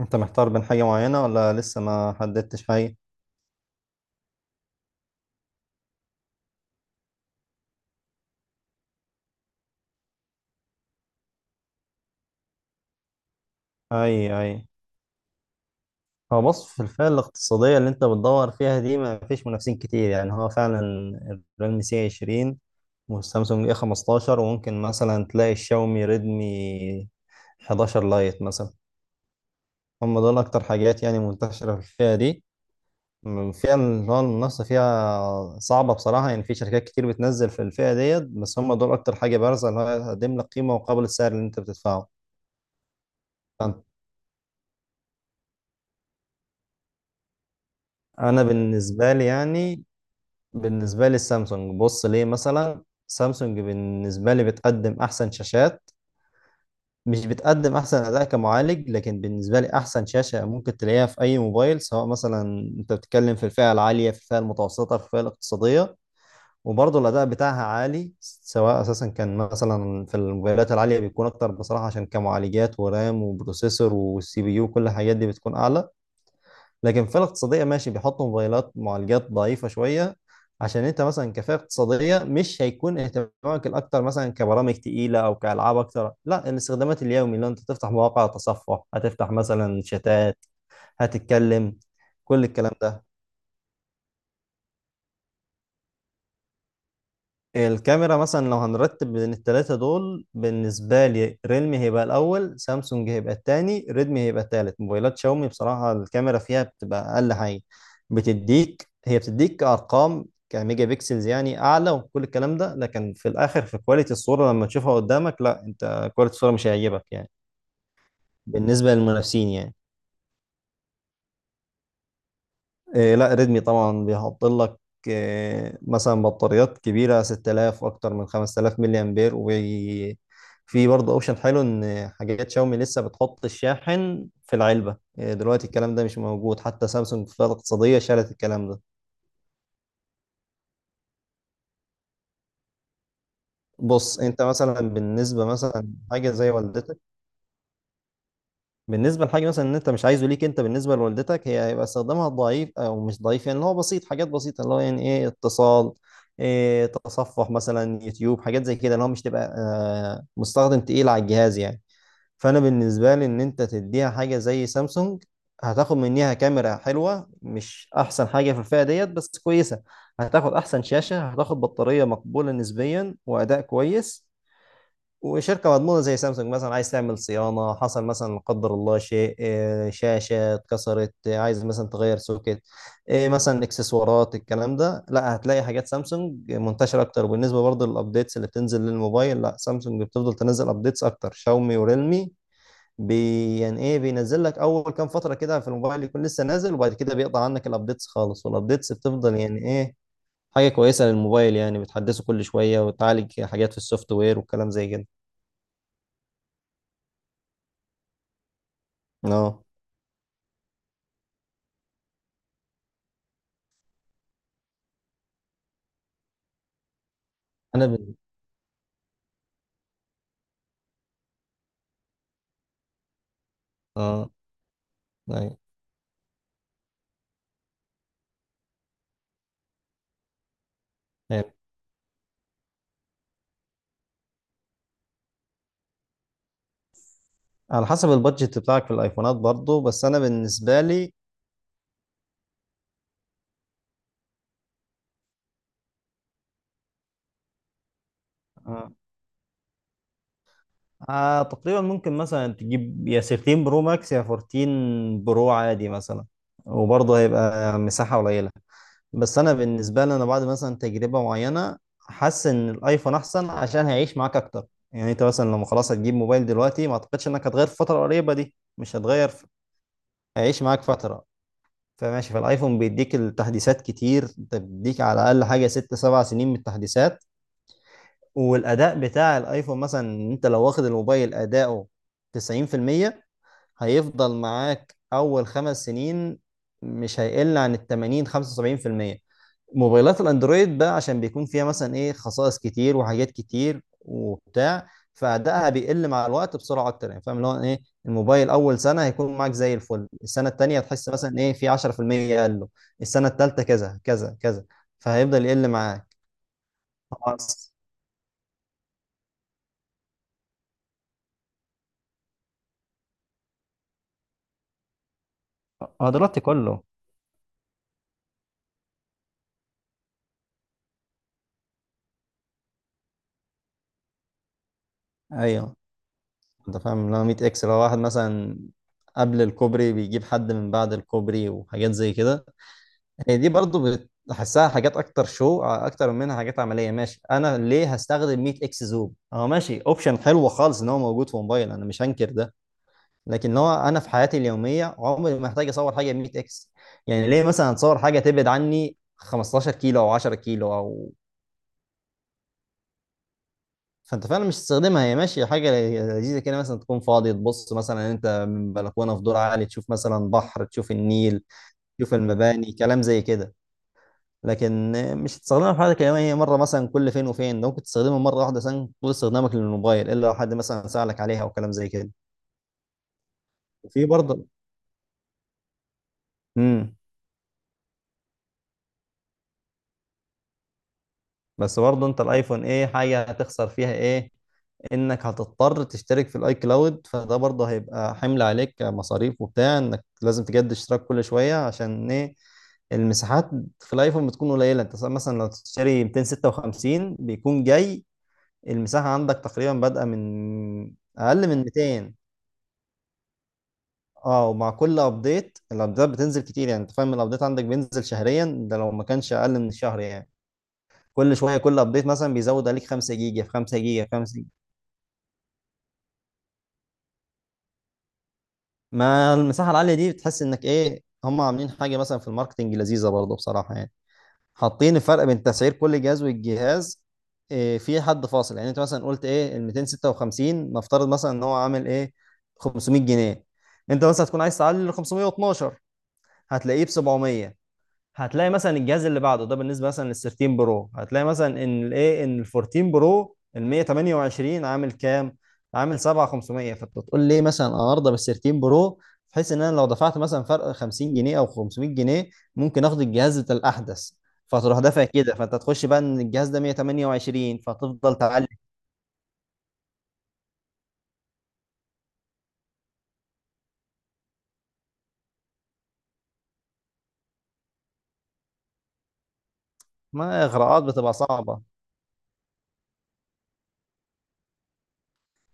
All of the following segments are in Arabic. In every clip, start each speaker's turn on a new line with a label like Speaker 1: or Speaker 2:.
Speaker 1: انت محتار بين حاجة معينة ولا لسه ما حددتش حاجة؟ اي، اي. هو بص، في الفئة الاقتصادية اللي انت بتدور فيها دي ما فيش منافسين كتير، يعني هو فعلا الريلمي سي 20 والسامسونج اي 15، وممكن مثلا تلاقي الشاومي ريدمي 11 لايت مثلا. هم دول اكتر حاجات يعني منتشرة في الفئة دي. الفئة اللي هو المنافسة فيها صعبة بصراحة، يعني في شركات كتير بتنزل في الفئة ديت، بس هم دول اكتر حاجة بارزة اللي هو هتقدم لك قيمة مقابل السعر اللي انت بتدفعه. انا بالنسبه لي السامسونج، بص ليه. مثلا سامسونج بالنسبه لي بتقدم احسن شاشات، مش بتقدم احسن اداء كمعالج، لكن بالنسبه لي احسن شاشه ممكن تلاقيها في اي موبايل، سواء مثلا انت بتتكلم في الفئه العاليه، في الفئه المتوسطه، في الفئه الاقتصاديه. وبرضه الاداء بتاعها عالي، سواء اساسا كان مثلا في الموبايلات العاليه بيكون اكتر بصراحه، عشان كمعالجات ورام وبروسيسور والسي بي يو كل الحاجات دي بتكون اعلى. لكن في الاقتصادية ماشي، بيحطوا موبايلات معالجات ضعيفة شوية، عشان انت مثلا كفئة اقتصادية مش هيكون اهتمامك الاكتر مثلا كبرامج تقيلة او كالعاب اكتر، لا، الاستخدامات اليومي اللي انت تفتح مواقع، تصفح، هتفتح مثلا شتات، هتتكلم، كل الكلام ده. الكاميرا مثلا لو هنرتب بين التلاتة دول، بالنسبة لي ريلمي هيبقى الأول، سامسونج هيبقى التاني، ريدمي هيبقى التالت. موبايلات شاومي بصراحة الكاميرا فيها بتبقى أقل حاجة. بتديك، هي بتديك أرقام كميجا بيكسلز يعني أعلى وكل الكلام ده، لكن في الآخر في كواليتي الصورة لما تشوفها قدامك، لا، أنت كواليتي الصورة مش هيعجبك يعني. بالنسبة للمنافسين يعني. إيه، لا، ريدمي طبعا بيحط لك إيه، مثلا بطاريات كبيرة 6000، أكتر من 5000 ملي أمبير. وفي برضه أوبشن حلو إن حاجات شاومي لسه بتحط الشاحن في العلبة. إيه دلوقتي الكلام ده مش موجود، حتى سامسونج في الفئة الاقتصادية شالت الكلام ده. بص أنت مثلا بالنسبة، مثلا حاجة زي والدتك، بالنسبة لحاجة مثلا ان انت مش عايزه ليك انت، بالنسبة لوالدتك، هي هيبقى استخدامها ضعيف او مش ضعيف، يعني اللي هو بسيط، حاجات بسيطة، اللي هو يعني ايه، اتصال، ايه، تصفح مثلا يوتيوب، حاجات زي كده اللي هو مش تبقى مستخدم تقيل على الجهاز يعني. فانا بالنسبة لي ان انت تديها حاجة زي سامسونج، هتاخد منيها كاميرا حلوة، مش احسن حاجة في الفئة ديت بس كويسة، هتاخد احسن شاشة، هتاخد بطارية مقبولة نسبيا واداء كويس، وشركة مضمونة زي سامسونج. مثلا عايز تعمل صيانة، حصل مثلا لا قدر الله شيء، شاشة اتكسرت، عايز مثلا تغير سوكت، مثلا اكسسوارات، الكلام ده لا، هتلاقي حاجات سامسونج منتشرة اكتر. وبالنسبة برضه للابديتس اللي بتنزل للموبايل، لا، سامسونج بتفضل تنزل ابديتس اكتر. شاومي وريلمي، بي يعني ايه، بينزل لك اول كام فترة كده في الموبايل يكون لسه نازل، وبعد كده بيقطع عنك الابديتس خالص. والابديتس بتفضل يعني ايه، حاجة كويسة للموبايل يعني، بتحدثه كل شوية وتعالج حاجات في السوفت وير والكلام زي كده. اه. انا بال... اه. أيوة. أيوة. على حسب البادجت بتاعك في الايفونات برضو، بس انا بالنسبه لي. آه. آه تقريبا ممكن مثلا تجيب يا 13 برو ماكس، يا 14 برو عادي مثلا. وبرضه هيبقى مساحه قليله. بس انا بالنسبه لي، انا بعد مثلا تجربه معينه حاسس ان الايفون احسن عشان هيعيش معاك اكتر. يعني انت مثلا لما خلاص هتجيب موبايل دلوقتي، ما اعتقدش انك هتغير في الفتره القريبه دي، مش هتغير في... هيعيش معاك فتره. فماشي، فالايفون بيديك التحديثات كتير، انت بيديك على الاقل حاجه ست سبع سنين من التحديثات. والاداء بتاع الايفون مثلا، انت لو واخد الموبايل اداؤه 90%، هيفضل معاك اول خمس سنين، مش هيقل عن ال 80 75%. موبايلات الاندرويد بقى عشان بيكون فيها مثلا ايه، خصائص كتير وحاجات كتير وبتاع، فادائها بيقل مع الوقت بسرعه اكتر. يعني فاهم اللي هو ايه، الموبايل اول سنه هيكون معاك زي الفل، السنه التانيه هتحس مثلا ايه، في 10% قل له، السنه التالته كذا كذا كذا، فهيفضل يقل معاك. خلاص. هو دلوقتي كله. ايوه. انت فاهم اللي هو 100 اكس، لو واحد مثلا قبل الكوبري بيجيب حد من بعد الكوبري وحاجات زي كده. هي دي برضو بحسها حاجات اكتر شو اكتر منها حاجات عمليه. ماشي، انا ليه هستخدم 100 اكس زوم؟ اه ماشي، اوبشن حلو خالص ان هو موجود في موبايل، انا مش هنكر ده، لكن هو انا في حياتي اليوميه عمري ما محتاج اصور حاجه ب 100 اكس. يعني ليه مثلا اتصور حاجه تبعد عني 15 كيلو او 10 كيلو، او فانت فعلا مش تستخدمها. هي ماشيه حاجه لذيذه كده، مثلا تكون فاضي تبص مثلا انت من بلكونه في دور عالي، تشوف مثلا بحر، تشوف النيل، تشوف المباني، كلام زي كده. لكن مش تستخدمها في حاجه كده، هي مره مثلا كل فين وفين، ده ممكن تستخدمها مره واحده مثلا طول استخدامك للموبايل، الا لو حد مثلا سالك عليها او كلام زي كده. وفي برضه امم بس برضه انت الايفون ايه حاجه هتخسر فيها، ايه انك هتضطر تشترك في الاي كلاود، فده برضه هيبقى حمل عليك مصاريف وبتاع، انك لازم تجدد اشتراك كل شويه. عشان ايه، المساحات في الايفون بتكون قليله، انت مثلا لو تشتري 256 بيكون جاي المساحه عندك تقريبا بادئه من اقل من 200. اه، ومع كل ابديت الابديتات بتنزل كتير يعني، انت فاهم الابديت عندك بينزل شهريا، ده لو ما كانش اقل من الشهر يعني، كل شويه كل ابديت مثلا بيزود عليك 5 جيجا، في 5 جيجا، في 5 جيجا. ما المساحه العاليه دي بتحس انك ايه، هم عاملين حاجه مثلا في الماركتنج لذيذه برضه بصراحه يعني، حاطين الفرق بين تسعير كل جهاز والجهاز. إيه، في حد فاصل يعني، انت مثلا قلت ايه، ال 256 نفترض مثلا ان هو عامل ايه، 500 جنيه، انت مثلا هتكون عايز تعلي ل 512، هتلاقيه ب 700. هتلاقي مثلا الجهاز اللي بعده ده بالنسبه مثلا لل 13 برو، هتلاقي مثلا ان الايه، ان ال 14 برو ال 128 عامل كام؟ عامل 7500. فانت تقول لي مثلا انا ارضى بال 13 برو، بحيث ان انا لو دفعت مثلا فرق 50 جنيه او 500 جنيه ممكن اخد الجهاز بتاع الاحدث. فتروح دافع كده، فانت تخش بقى ان الجهاز ده 128، فتفضل تعلي. ما اغراءات بتبقى صعبه.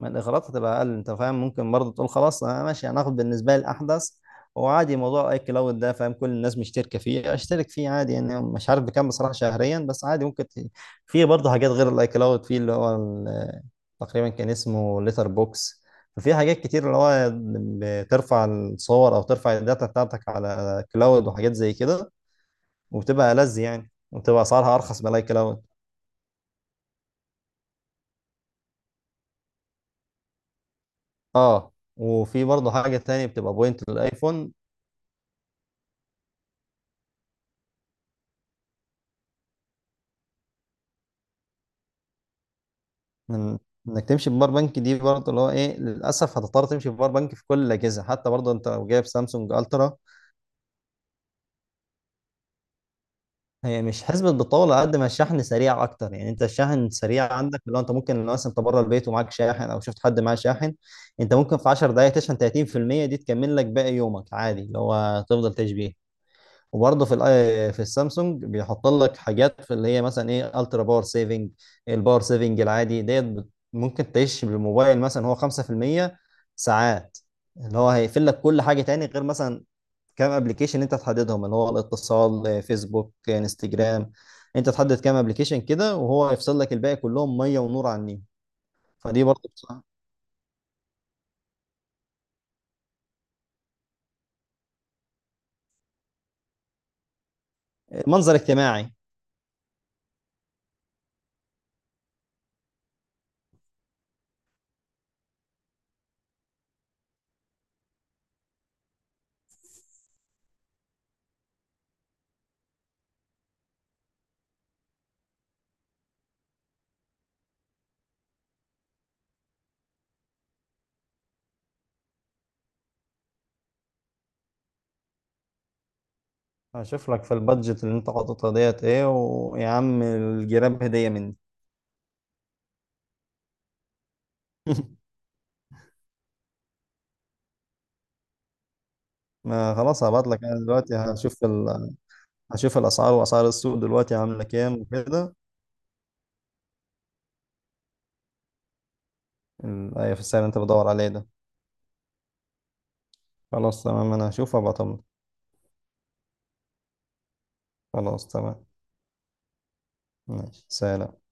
Speaker 1: ما الاغراءات هتبقى اقل، انت فاهم ممكن برضه تقول خلاص انا ماشي هناخد بالنسبه لي الاحدث، وعادي موضوع اي كلاود ده فاهم، كل الناس مشتركه فيه، اشترك فيه عادي يعني. مش عارف بكام بصراحه شهريا، بس عادي ممكن في برضه حاجات غير الاي كلاود، في اللي هو تقريبا كان اسمه ليتر بوكس. ففي حاجات كتير اللي هو بترفع الصور او ترفع الداتا بتاعتك على كلاود وحاجات زي كده، وبتبقى ألذ يعني، وبتبقى اسعارها ارخص من الاي كلاود. اه. وفي برضه حاجة تانية بتبقى بوينت للايفون، من انك تمشي بباور بانك دي برضه اللي هو ايه، للاسف هتضطر تمشي بباور بانك في كل الاجهزه، حتى برضه انت لو جايب سامسونج الترا. هي مش حسبة بالطول، على قد ما الشحن سريع اكتر. يعني انت الشحن سريع عندك، اللي هو انت ممكن لو مثلا انت بره البيت ومعاك شاحن او شفت حد معاه شاحن، انت ممكن في 10 دقائق تشحن 30%، دي تكمل لك باقي يومك عادي، اللي هو تفضل تشبيه. وبرضه في الاي، في السامسونج بيحط لك حاجات في اللي هي مثلا ايه، الترا باور سيفنج. الباور سيفنج العادي ديت ممكن تعيش بالموبايل مثلا هو 5% ساعات، اللي هو هيقفل لك كل حاجه تاني، غير مثلا كام ابلكيشن انت تحددهم، اللي هو الاتصال، فيسبوك، انستجرام. انت تحدد كام ابلكيشن كده وهو يفصل لك الباقي كلهم ميه ونور عن النيل. فدي برضه بصراحة. منظر اجتماعي. هشوف لك في البادجت اللي انت حاططها ديت ايه، ويا عم الجراب هديه مني. ما خلاص، هبعت لك انا دلوقتي. هشوف الاسعار، واسعار السوق دلوقتي عامله كام وكده. أيوة، في السعر اللي انت بدور عليه ده. خلاص تمام، انا هشوف وابقى اطمن. خلاص تمام، ماشي سلام.